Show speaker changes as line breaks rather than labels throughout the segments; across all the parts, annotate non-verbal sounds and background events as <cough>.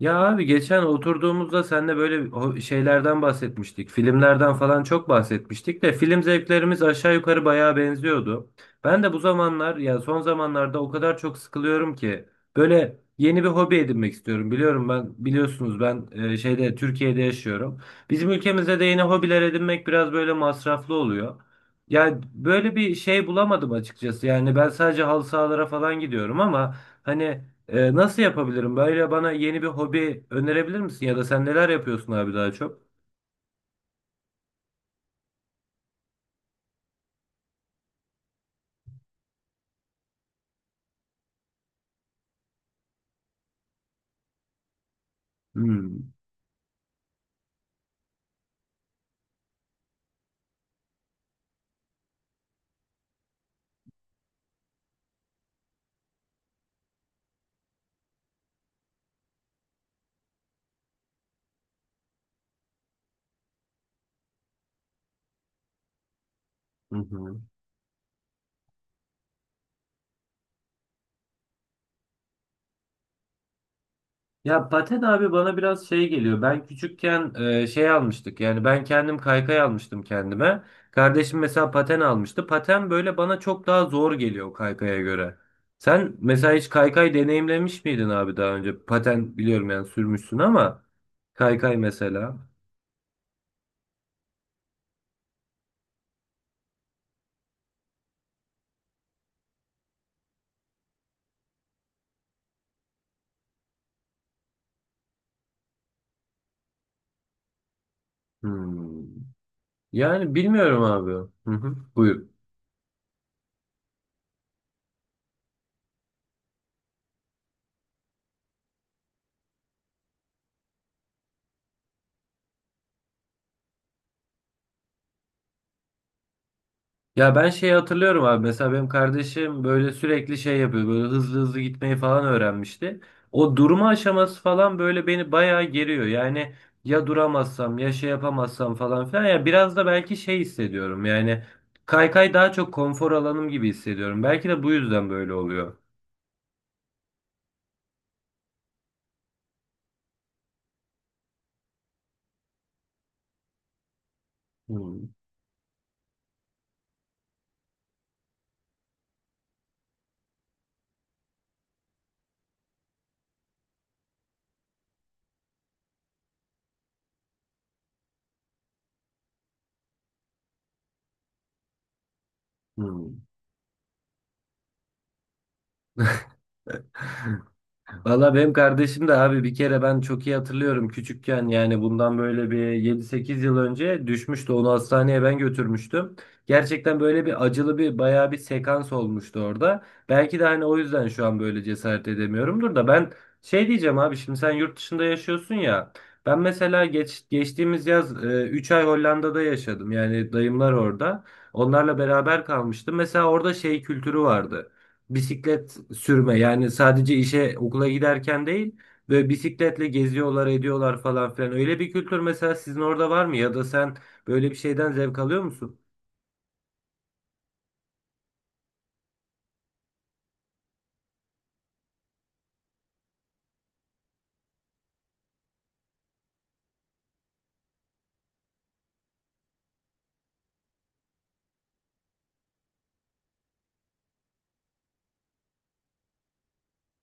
Ya abi geçen oturduğumuzda seninle böyle şeylerden bahsetmiştik. Filmlerden falan çok bahsetmiştik de film zevklerimiz aşağı yukarı bayağı benziyordu. Ben de bu zamanlar ya son zamanlarda o kadar çok sıkılıyorum ki böyle yeni bir hobi edinmek istiyorum. Biliyorum ben biliyorsunuz ben şeyde Türkiye'de yaşıyorum. Bizim ülkemizde de yeni hobiler edinmek biraz böyle masraflı oluyor. Yani böyle bir şey bulamadım açıkçası. Yani ben sadece halı sahalara falan gidiyorum ama hani nasıl yapabilirim? Böyle bana yeni bir hobi önerebilir misin? Ya da sen neler yapıyorsun abi daha çok? Hmm. Hı hı. Ya paten abi bana biraz şey geliyor. Ben küçükken şey almıştık. Yani ben kendim kaykay almıştım kendime. Kardeşim mesela paten almıştı. Paten böyle bana çok daha zor geliyor kaykaya göre. Sen mesela hiç kaykay deneyimlemiş miydin abi daha önce? Paten biliyorum yani sürmüşsün ama kaykay mesela. Hmm. Yani bilmiyorum abi. Hı hı. Buyur. Ya ben şeyi hatırlıyorum abi. Mesela benim kardeşim böyle sürekli şey yapıyor. Böyle hızlı hızlı gitmeyi falan öğrenmişti. O durma aşaması falan böyle beni bayağı geriyor. Yani ya duramazsam ya şey yapamazsam falan filan. Ya biraz da belki şey hissediyorum. Yani kaykay daha çok konfor alanım gibi hissediyorum. Belki de bu yüzden böyle oluyor. Hmm, hmm. Valla benim kardeşim de abi bir kere ben çok iyi hatırlıyorum küçükken yani bundan böyle bir yedi sekiz yıl önce düşmüştü onu hastaneye ben götürmüştüm. Gerçekten böyle bir acılı bir bayağı bir sekans olmuştu orada. Belki de hani o yüzden şu an böyle cesaret edemiyorumdur da ben şey diyeceğim abi şimdi sen yurt dışında yaşıyorsun ya. Ben mesela geçtiğimiz yaz 3 ay Hollanda'da yaşadım yani dayımlar orada. Onlarla beraber kalmıştım. Mesela orada şey kültürü vardı bisiklet sürme yani sadece işe okula giderken değil böyle bisikletle geziyorlar ediyorlar falan filan öyle bir kültür mesela sizin orada var mı ya da sen böyle bir şeyden zevk alıyor musun?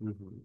Hı hı.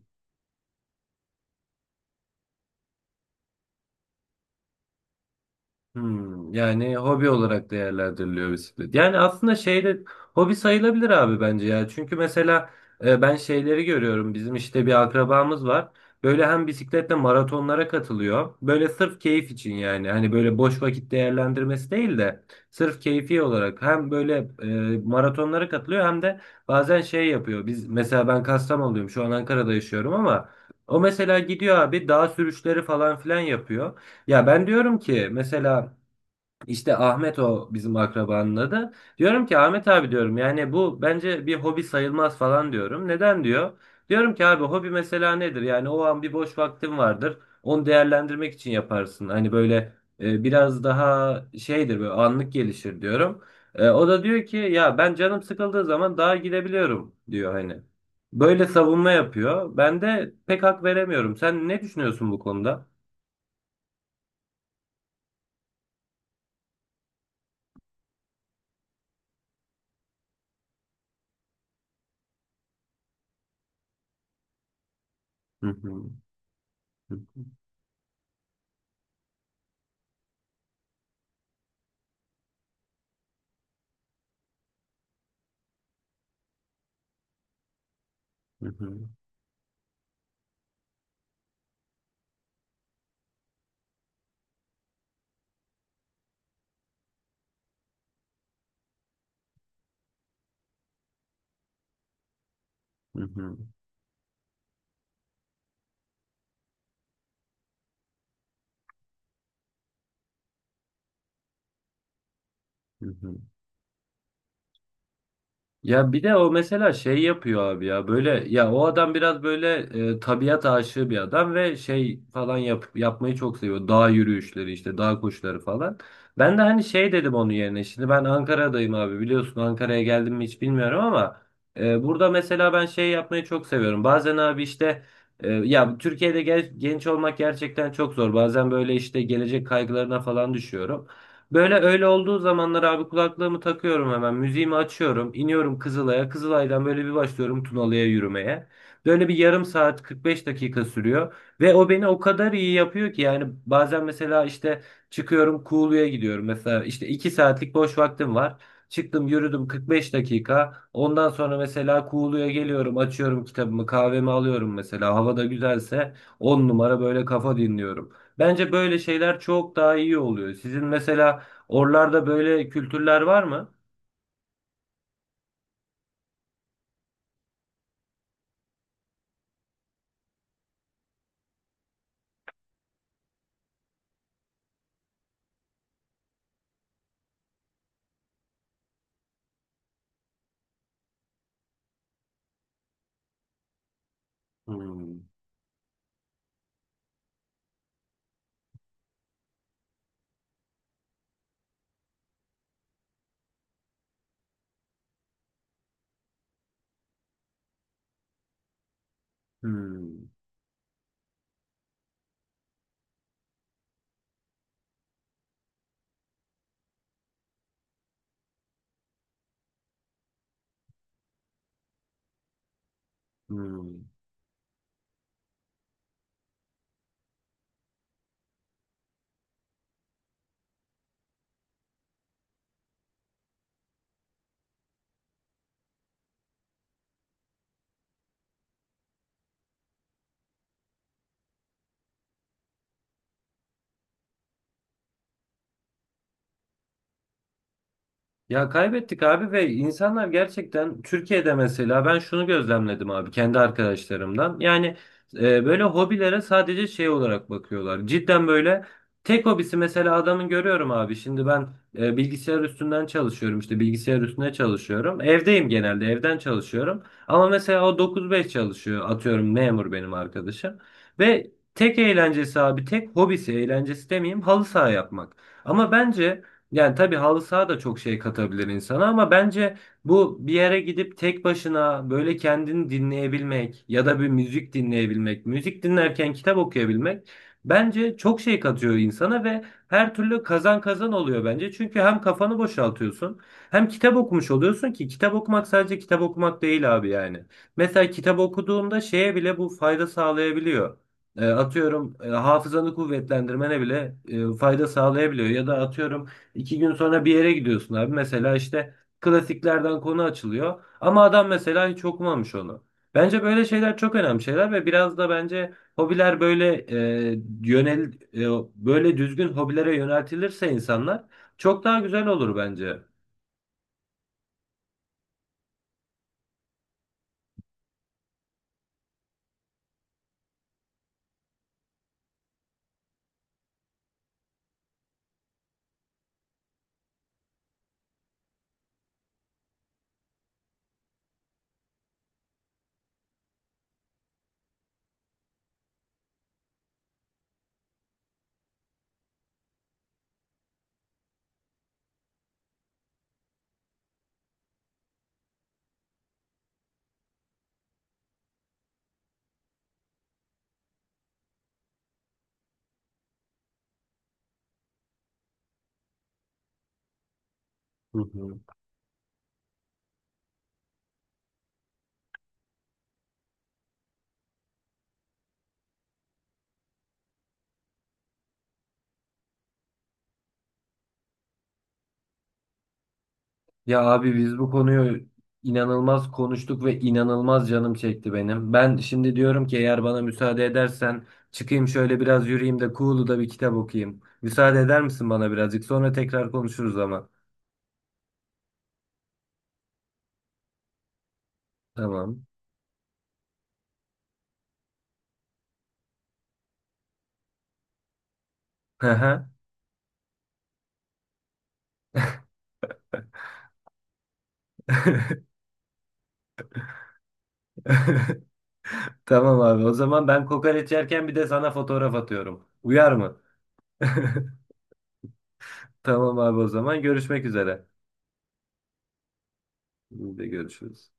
Hmm, yani hobi olarak değerlendiriliyor bisiklet. Yani aslında şeyde hobi sayılabilir abi bence ya. Çünkü mesela ben şeyleri görüyorum. Bizim işte bir akrabamız var. Böyle hem bisikletle maratonlara katılıyor. Böyle sırf keyif için yani. Hani böyle boş vakit değerlendirmesi değil de sırf keyfi olarak hem böyle maratonlara katılıyor hem de bazen şey yapıyor. Biz mesela ben Kastamonu'luyum. Şu an Ankara'da yaşıyorum ama o mesela gidiyor abi dağ sürüşleri falan filan yapıyor. Ya ben diyorum ki mesela işte Ahmet o bizim akrabanın adı. Diyorum ki Ahmet abi diyorum yani bu bence bir hobi sayılmaz falan diyorum. Neden diyor? Diyorum ki abi hobi mesela nedir? Yani o an bir boş vaktin vardır. Onu değerlendirmek için yaparsın. Hani böyle biraz daha şeydir böyle anlık gelişir diyorum. O da diyor ki ya ben canım sıkıldığı zaman dağa gidebiliyorum diyor hani. Böyle savunma yapıyor. Ben de pek hak veremiyorum. Sen ne düşünüyorsun bu konuda? Hı hı. Hı hı, hı hı, hı hı. Ya bir de o mesela şey yapıyor abi ya böyle ya o adam biraz böyle tabiat aşığı bir adam ve şey falan yapmayı çok seviyor. Dağ yürüyüşleri işte dağ koşuları falan. Ben de hani şey dedim onun yerine şimdi ben Ankara'dayım abi biliyorsun Ankara'ya geldim mi hiç bilmiyorum ama burada mesela ben şey yapmayı çok seviyorum. Bazen abi işte ya Türkiye'de genç olmak gerçekten çok zor. Bazen böyle işte gelecek kaygılarına falan düşüyorum. Böyle öyle olduğu zamanlar abi kulaklığımı takıyorum hemen. Müziğimi açıyorum. İniyorum Kızılay'a. Kızılay'dan böyle bir başlıyorum Tunalı'ya yürümeye. Böyle bir yarım saat 45 dakika sürüyor. Ve o beni o kadar iyi yapıyor ki yani bazen mesela işte çıkıyorum Kuğulu'ya gidiyorum. Mesela işte 2 saatlik boş vaktim var. Çıktım yürüdüm 45 dakika. Ondan sonra mesela Kuğulu'ya geliyorum açıyorum kitabımı kahvemi alıyorum mesela. Hava da güzelse 10 numara böyle kafa dinliyorum. Bence böyle şeyler çok daha iyi oluyor. Sizin mesela oralarda böyle kültürler var mı? Hmm, hmm, hmm. Ya kaybettik abi ve insanlar gerçekten Türkiye'de mesela ben şunu gözlemledim abi kendi arkadaşlarımdan. Yani böyle hobilere sadece şey olarak bakıyorlar. Cidden böyle tek hobisi mesela adamın görüyorum abi. Şimdi ben bilgisayar üstünden çalışıyorum işte bilgisayar üstüne çalışıyorum. Evdeyim genelde evden çalışıyorum. Ama mesela o 9-5 çalışıyor atıyorum memur benim arkadaşım. Ve tek eğlencesi abi tek hobisi eğlencesi demeyeyim halı saha yapmak. Ama bence... Yani tabii halı saha da çok şey katabilir insana ama bence bu bir yere gidip tek başına böyle kendini dinleyebilmek ya da bir müzik dinleyebilmek, müzik dinlerken kitap okuyabilmek bence çok şey katıyor insana ve her türlü kazan kazan oluyor bence. Çünkü hem kafanı boşaltıyorsun hem kitap okumuş oluyorsun ki kitap okumak sadece kitap okumak değil abi yani. Mesela kitap okuduğunda şeye bile bu fayda sağlayabiliyor. Hafızanı kuvvetlendirmene bile fayda sağlayabiliyor ya da atıyorum İki gün sonra bir yere gidiyorsun abi. Mesela işte klasiklerden konu açılıyor. Ama adam mesela hiç okumamış onu. Bence böyle şeyler çok önemli şeyler ve biraz da bence hobiler böyle e, yönel böyle düzgün hobilere yöneltilirse insanlar çok daha güzel olur bence. Hı hı. Ya abi biz bu konuyu inanılmaz konuştuk ve inanılmaz canım çekti benim. Ben şimdi diyorum ki eğer bana müsaade edersen çıkayım şöyle biraz yürüyeyim de Kuğulu'da bir kitap okuyayım. Müsaade eder misin bana birazcık? Sonra tekrar konuşuruz ama. Tamam. Hı hı. <laughs> Tamam abi. O zaman ben kokoreç yerken bir de sana fotoğraf atıyorum. Uyar mı? <laughs> Tamam abi o zaman görüşmek üzere. Biz de görüşürüz.